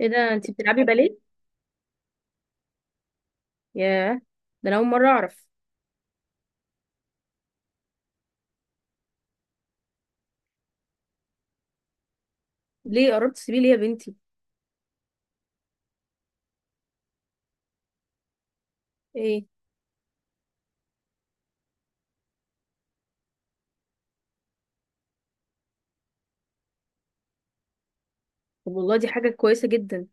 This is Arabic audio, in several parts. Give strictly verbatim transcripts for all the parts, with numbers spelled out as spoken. ايه ده؟ انتي بتلعبي باليه؟ ياه! ده انا اول مره اعرف. ليه قررت تسيبيه ليه يا بنتي؟ ايه؟ طب، والله دي حاجه كويسه جدا.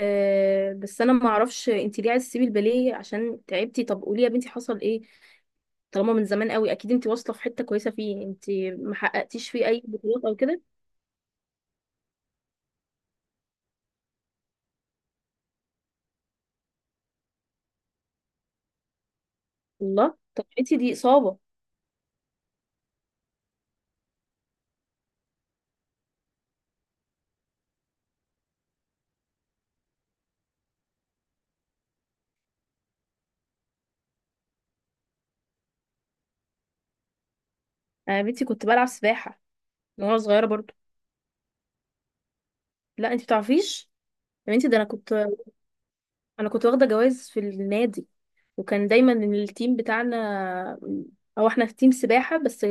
أه، بس انا ما اعرفش انتي ليه عايزه تسيبي الباليه عشان تعبتي. طب قولي يا بنتي حصل ايه؟ طالما من زمان قوي اكيد انتي واصله في حته كويسه، فيه انتي ما حققتيش فيه اي بطولات او كده؟ الله! طب انتي دي اصابه؟ انا يا بنتي كنت بلعب سباحه، من وانا صغيره برضو. لا، انتي بتعرفيش؟ يا بنتي ده انا كنت انا كنت واخده جوائز في النادي، وكان دايما التيم بتاعنا، او احنا في تيم سباحه بس.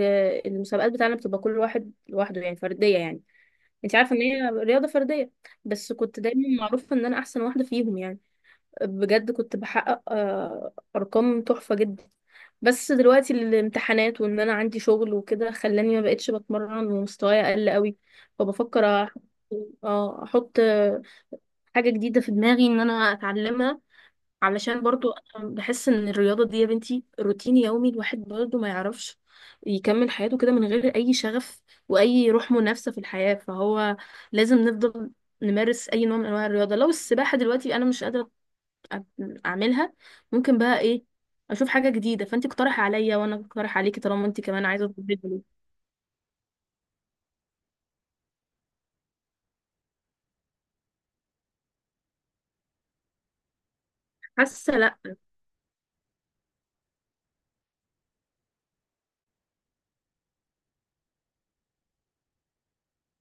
المسابقات بتاعنا بتبقى كل واحد لوحده، يعني فرديه يعني. انت عارفه ان هي رياضه فرديه. بس كنت دايما معروفه ان انا احسن واحده فيهم يعني. بجد كنت بحقق آه، ارقام تحفه جدا. بس دلوقتي الامتحانات وان انا عندي شغل وكده خلاني ما بقتش بتمرن ومستواي اقل قوي. فبفكر أح- اه احط حاجه جديده في دماغي ان انا اتعلمها، علشان برضو أنا بحس ان الرياضة دي يا بنتي روتين يومي. الواحد برضو ما يعرفش يكمل حياته كده من غير اي شغف واي روح منافسة في الحياة، فهو لازم نفضل نمارس اي نوع من انواع الرياضة. لو السباحة دلوقتي انا مش قادرة أ- اعملها، ممكن بقى ايه؟ اشوف حاجة جديدة. فانت اقترحي عليا وانا اقترح عليكي طالما انت كمان عايزة تبدلي باليه. حاسة؟ لا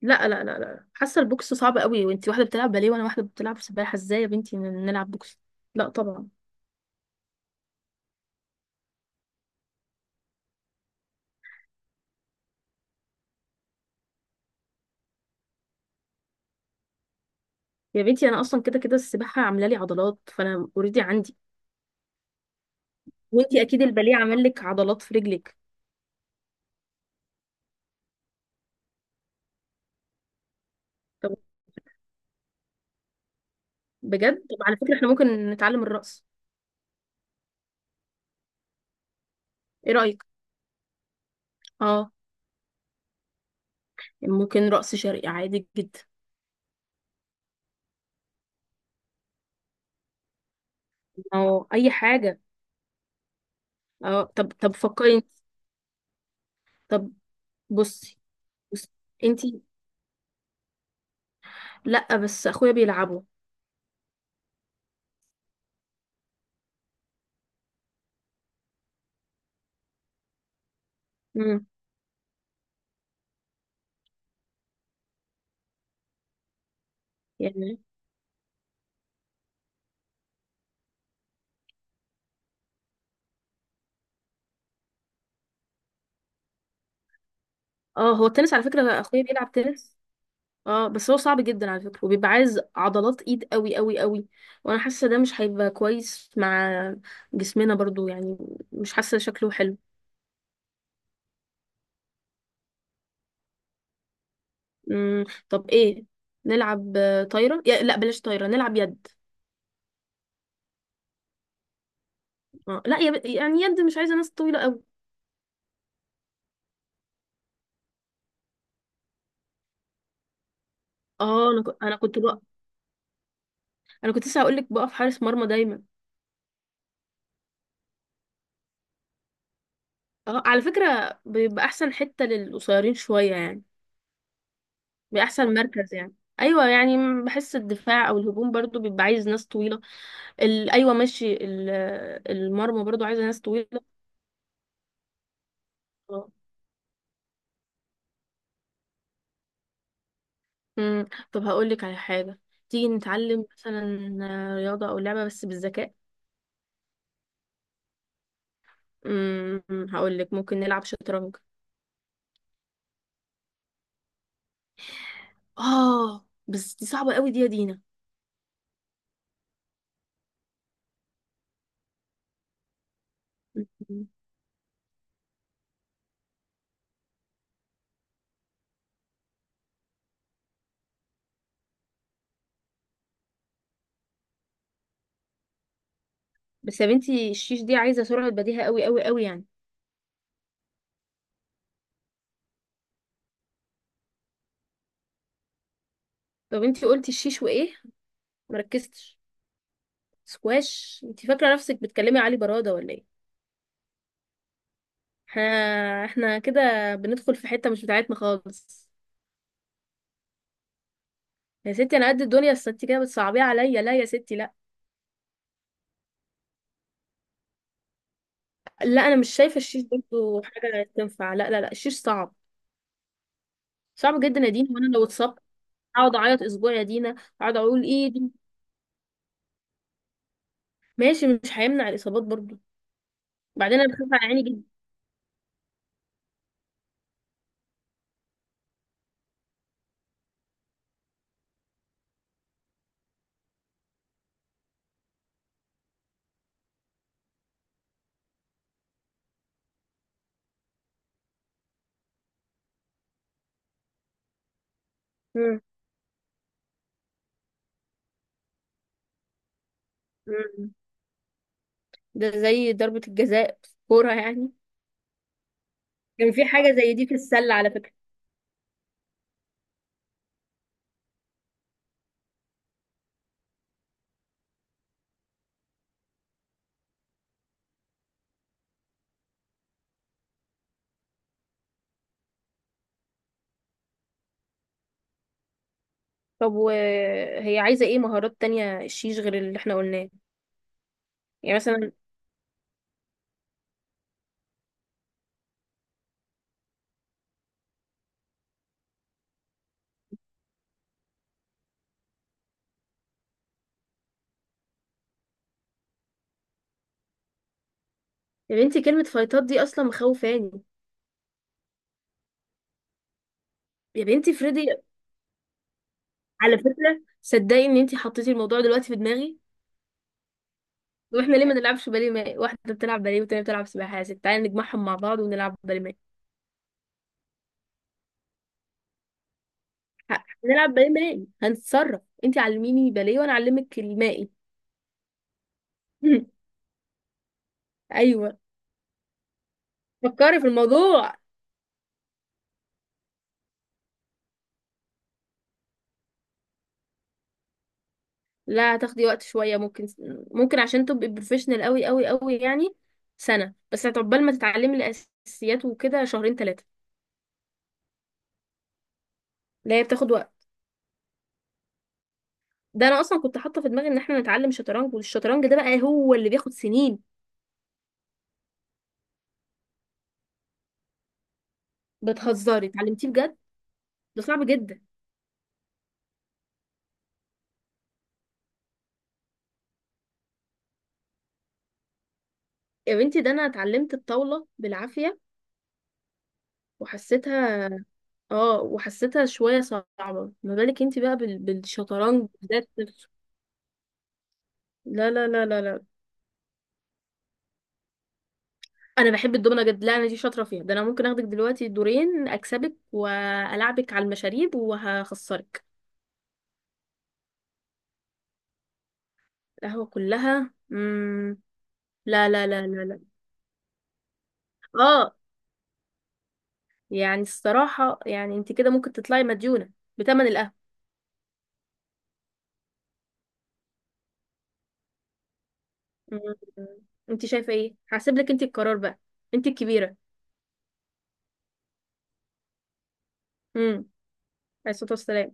لا لا لا لا، حاسة البوكس صعب قوي. وانت واحدة بتلعب باليه وانا واحدة بتلعب سباحة، ازاي يا بنتي نلعب بوكس؟ لا طبعا. يا بنتي انا اصلا كده كده السباحه عامله لي عضلات، فانا اوريدي عندي. وانتي اكيد الباليه عامل لك عضلات في رجلك. طب، بجد طب على فكره احنا ممكن نتعلم الرقص. ايه رايك؟ اه، ممكن رقص شرقي عادي جدا. اه، اي حاجه. اه، طب طب فكري انت. طب بصي. بصي انتي. لا، بس اخويا بيلعبوا. امم. يعني، اه هو التنس على فكره اخويا بيلعب تنس. اه، بس هو صعب جدا على فكرة، وبيبقى عايز عضلات ايد قوي قوي قوي. وانا حاسة ده مش هيبقى كويس مع جسمنا برضو يعني. مش حاسة شكله حلو. مم. طب ايه؟ نلعب آه، طايرة، يا لا بلاش طايرة نلعب يد. آه. لا، يا... ب... يعني يد مش عايزة ناس طويلة قوي. اه، انا ك... انا كنت بقى، انا كنت لسه هقول لك بقف حارس مرمى دايما. اه، على فكرة بيبقى احسن حتة للقصيرين شوية يعني. بيبقى احسن مركز يعني. ايوه يعني، بحس الدفاع او الهجوم برضو بيبقى عايز ناس طويلة. ال... ايوه ماشي. ال... المرمى برضو عايزه ناس طويله. امم. طب هقول لك على حاجه. تيجي نتعلم مثلا رياضه او لعبه بس بالذكاء. امم. هقول لك، ممكن نلعب شطرنج. اه، بس دي صعبه قوي دي يا دينا. مم. بس يا بنتي الشيش دي عايزه سرعه بديهه قوي قوي قوي يعني. طب انتي قلتي الشيش وايه؟ مركزتش. سكواش؟ انتي فاكره نفسك بتكلمي علي براده ولا ايه؟ احنا احنا كده بندخل في حته مش بتاعتنا خالص. يا ستي انا قد الدنيا، بس انت كده بتصعبيها عليا. لا يا ستي لا. لا، انا مش شايفه الشيش برضه حاجه تنفع. لا لا لا، الشيش صعب. صعب جدا يا دينا، وانا لو اتصبت اقعد اعيط اسبوع يا دينا، اقعد اقول ايه دي. ماشي، مش هيمنع الاصابات برضه. بعدين انا بخاف على عيني جدا. مم. مم. ده زي ضربه الجزاء في الكوره يعني. كان في حاجه زي دي في السله على فكره. طب وهي عايزه ايه مهارات تانية الشيش غير اللي احنا قلناه؟ يعني مثلا؟ يا بنتي كلمه فايتات دي اصلا مخوفاني. يا بنتي افرضي. على فكرة صدقي ان انتي حطيتي الموضوع دلوقتي في دماغي. واحنا ليه ما نلعبش باليه مائي؟ واحدة بتلعب باليه والتانية بتلعب سباحة، يا ست تعالي نجمعهم مع بعض ونلعب باليه مائي. ه- هنلعب باليه مائي، هنتصرف. انتي علميني باليه وانا اعلمك المائي. ايوه، فكري في الموضوع. لا، هتاخدي وقت شوية. ممكن، ممكن عشان تبقي بروفيشنال قوي قوي قوي يعني سنة. بس هتقبل ما تتعلمي الاساسيات وكده شهرين ثلاثة. لا، هي بتاخد وقت. ده انا اصلا كنت حاطه في دماغي ان احنا نتعلم شطرنج، والشطرنج ده بقى هو اللي بياخد سنين. بتهزري؟ اتعلمتيه بجد؟ ده صعب جدا. يا بنتي ده انا اتعلمت الطاولة بالعافية وحسيتها. اه، وحسيتها شوية صعبة، ما بالك انت بقى بال... بالشطرنج ذات نفسه. لا لا لا لا لا. انا بحب الدومنة جد. لا، انا دي شاطرة فيها. ده انا ممكن اخدك دلوقتي دورين اكسبك، والعبك على المشاريب وهخسرك. القهوة كلها؟ مم... لا لا لا لا لا. اه، يعني الصراحة يعني انت كده ممكن تطلعي مديونة بتمن القهوة. مم. انت شايفه ايه؟ هسيب لك انت القرار بقى، انت الكبيره. امم. عليه الصلاه والسلام.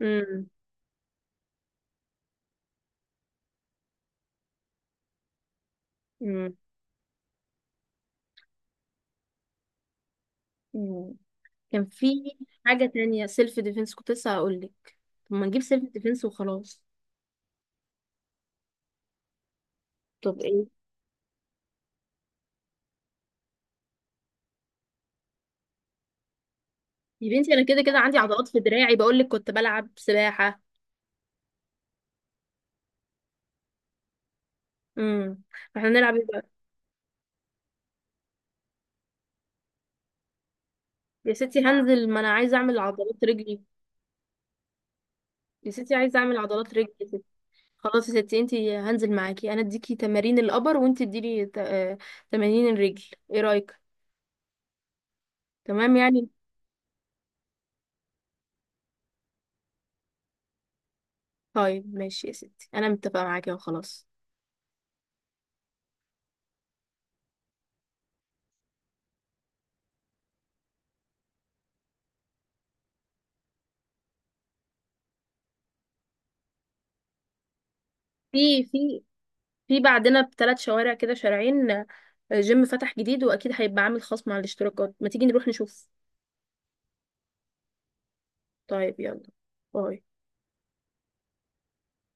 امم. امم. أمم. كان في حاجه تانية، سيلف ديفense كنت لسه هقول لك. طب ما نجيب سيلف ديفenس وخلاص. طب ايه؟ يا بنتي انا كده كده عندي عضلات في دراعي، بقول لك كنت بلعب سباحه. امم. احنا نلعب ايه بقى؟ يا ستي هنزل، ما انا عايزه اعمل عضلات رجلي يا ستي، عايزه اعمل عضلات رجلي يا ستي. خلاص يا ستي، انت هنزل معاكي انا اديكي تمارين الابر، وانت اديني ت- آه، تمارين الرجل. ايه رايك؟ تمام يعني. طيب ماشي يا ستي، انا متفقه معاكي وخلاص. في في في بعدنا بثلاث شوارع كده، شارعين، آه، جيم فتح جديد واكيد هيبقى عامل خصم على الاشتراكات، ما تيجي نروح نشوف. طيب يلا. باي.